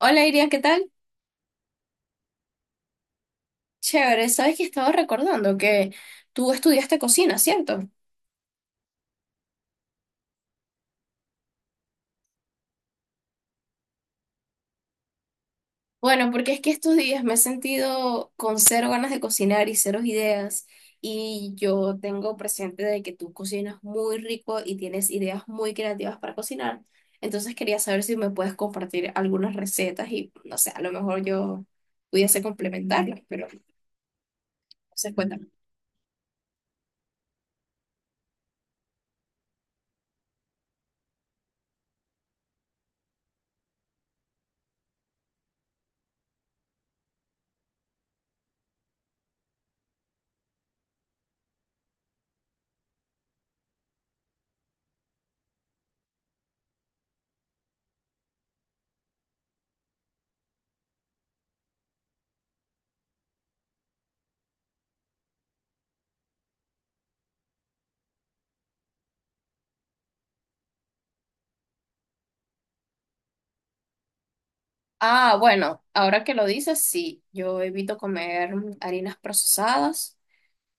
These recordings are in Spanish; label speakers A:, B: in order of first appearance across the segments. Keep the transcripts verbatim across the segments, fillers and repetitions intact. A: Hola Iria, ¿qué tal? Chévere, sabes que estaba recordando que tú estudiaste cocina, ¿cierto? Bueno, porque es que estos días me he sentido con cero ganas de cocinar y cero ideas y yo tengo presente de que tú cocinas muy rico y tienes ideas muy creativas para cocinar. Entonces quería saber si me puedes compartir algunas recetas y no sé, a lo mejor yo pudiese complementarlas, pero no sé, cuéntame. Ah, bueno, ahora que lo dices, sí, yo evito comer harinas procesadas.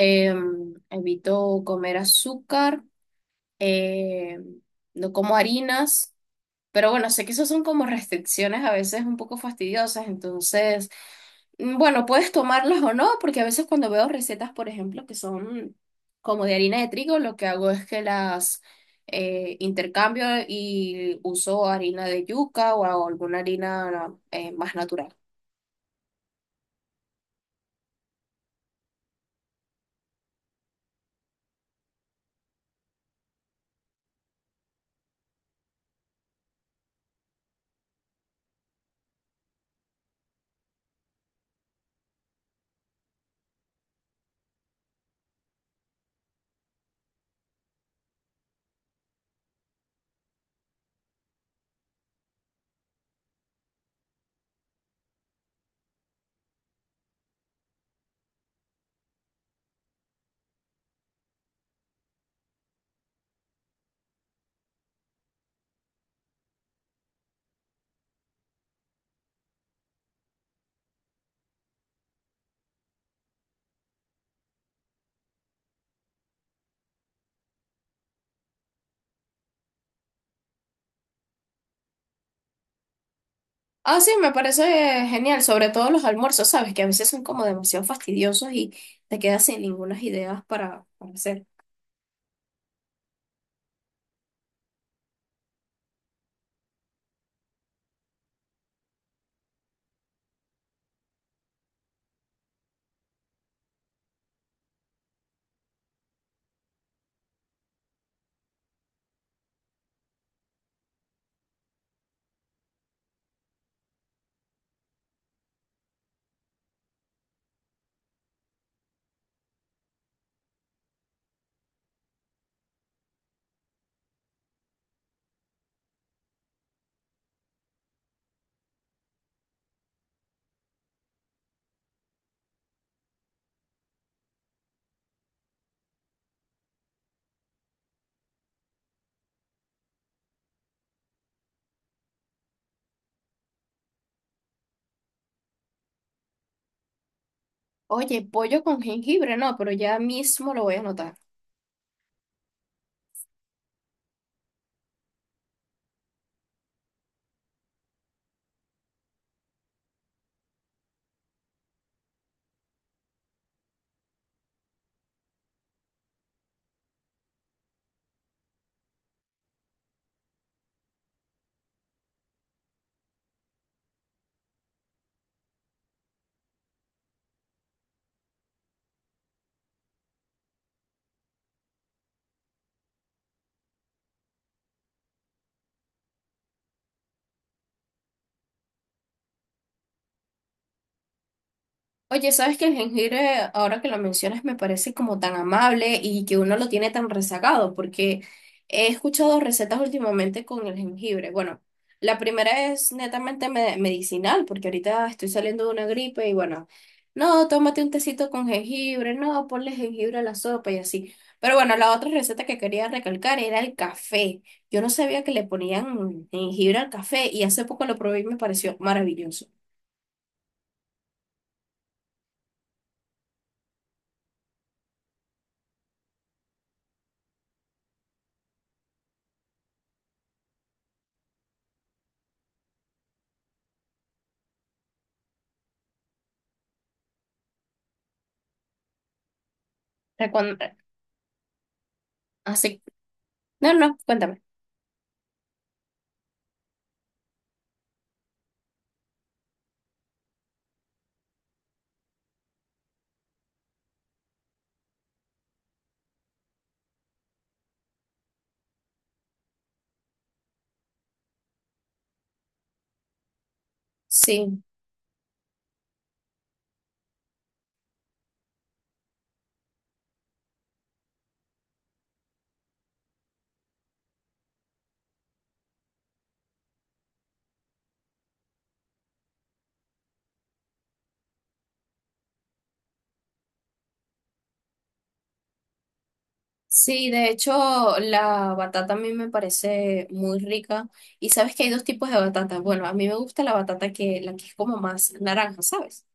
A: Em, evito comer azúcar. em, no como harinas, pero bueno, sé que esas son como restricciones a veces un poco fastidiosas. Entonces, mm, bueno, puedes tomarlas o no, porque a veces cuando veo recetas, por ejemplo, que son como de harina de trigo, lo que hago es que las eh, intercambio y uso harina de yuca o alguna harina eh, más natural. Ah, sí, me parece genial, sobre todo los almuerzos, ¿sabes? Que a veces son como demasiado fastidiosos y te quedas sin ninguna idea para, para hacer. Oye, pollo con jengibre, no, pero ya mismo lo voy a anotar. Oye, ¿sabes que el jengibre, ahora que lo mencionas, me parece como tan amable y que uno lo tiene tan rezagado? Porque he escuchado recetas últimamente con el jengibre. Bueno, la primera es netamente me- medicinal, porque ahorita estoy saliendo de una gripe y bueno, no, tómate un tecito con jengibre, no, ponle jengibre a la sopa y así. Pero bueno, la otra receta que quería recalcar era el café. Yo no sabía que le ponían jengibre al café y hace poco lo probé y me pareció maravilloso. O sea, cuando- Así. No, no, cuéntame. Sí, sí, de hecho la batata a mí me parece muy rica y sabes que hay dos tipos de batata. Bueno, a mí me gusta la batata que la que es como más naranja, ¿sabes?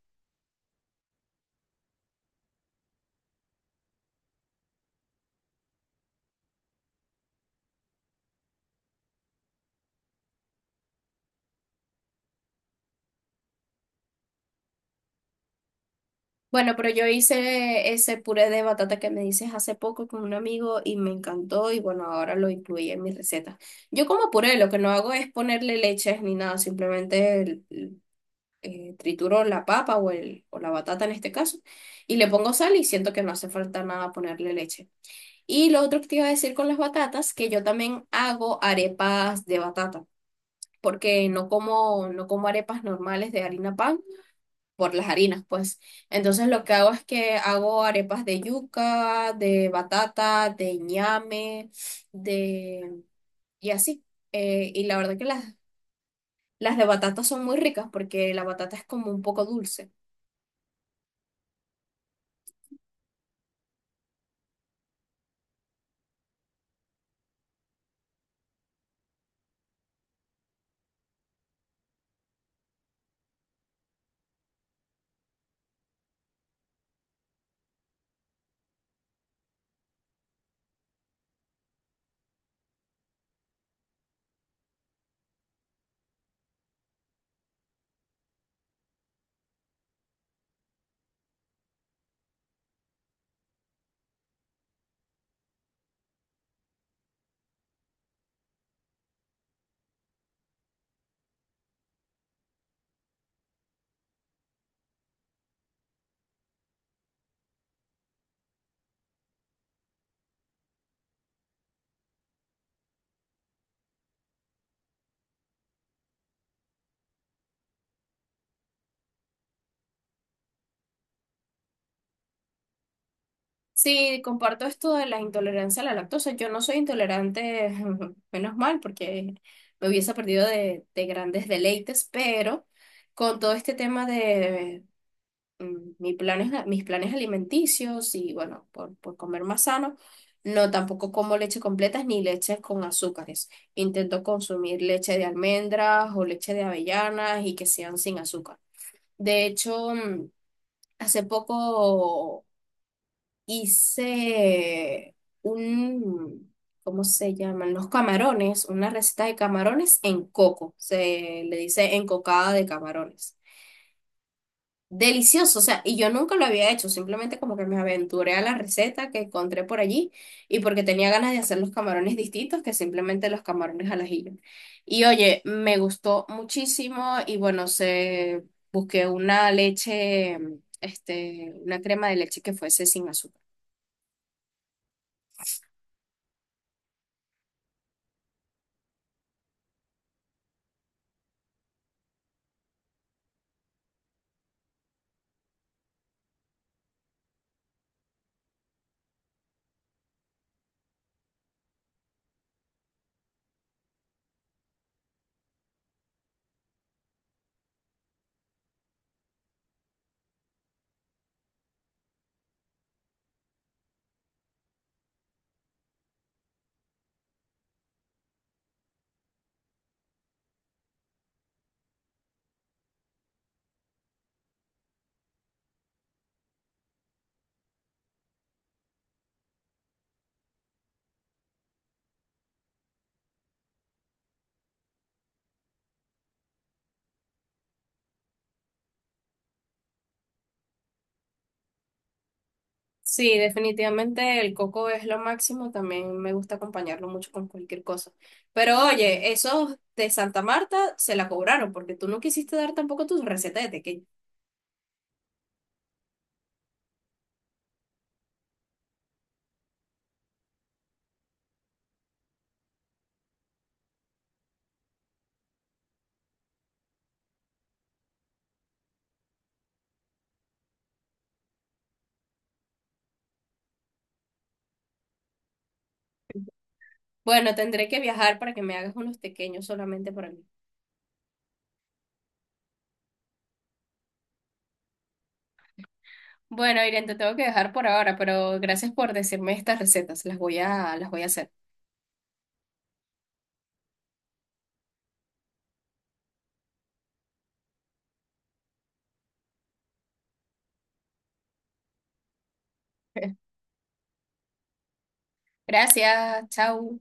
A: Bueno, pero yo hice ese puré de batata que me dices hace poco con un amigo y me encantó y bueno, ahora lo incluí en mi receta. Yo como puré, lo que no hago es ponerle leches ni nada, simplemente el- el- eh, trituro la papa o, el, o la batata en este caso y le pongo sal y siento que no hace falta nada ponerle leche. Y lo otro que te iba a decir con las batatas, que yo también hago arepas de batata, porque no como, no como arepas normales de harina pan por las harinas, pues. Entonces lo que hago es que hago arepas de yuca, de batata, de ñame, de... y así. Eh, y la verdad que las, las de batata son muy ricas porque la batata es como un poco dulce. Sí, comparto esto de la intolerancia a la lactosa. Yo no soy intolerante, menos mal, porque me hubiese perdido de, de grandes deleites, pero con todo este tema de mm, mis planes, mis planes alimenticios y bueno, por, por comer más sano, no tampoco como leche completas ni leches con azúcares. Intento consumir leche de almendras o leche de avellanas y que sean sin azúcar. De hecho, mm, hace poco hice un, ¿cómo se llaman? Los camarones, una receta de camarones en coco, se le dice encocada de camarones. Delicioso, o sea, y yo nunca lo había hecho, simplemente como que me aventuré a la receta que encontré por allí y porque tenía ganas de hacer los camarones distintos que simplemente los camarones al ajillo. Y oye, me gustó muchísimo y bueno, se busqué una leche, este, una crema de leche que fuese sin azúcar. Sí, definitivamente el coco es lo máximo, también me gusta acompañarlo mucho con cualquier cosa. Pero oye, esos de Santa Marta se la cobraron porque tú no quisiste dar tampoco tus recetas de tequeño. Bueno, tendré que viajar para que me hagas unos tequeños solamente para mí. Bueno, Irene, te tengo que dejar por ahora, pero gracias por decirme estas recetas, las voy a, las voy a hacer. Gracias, chao.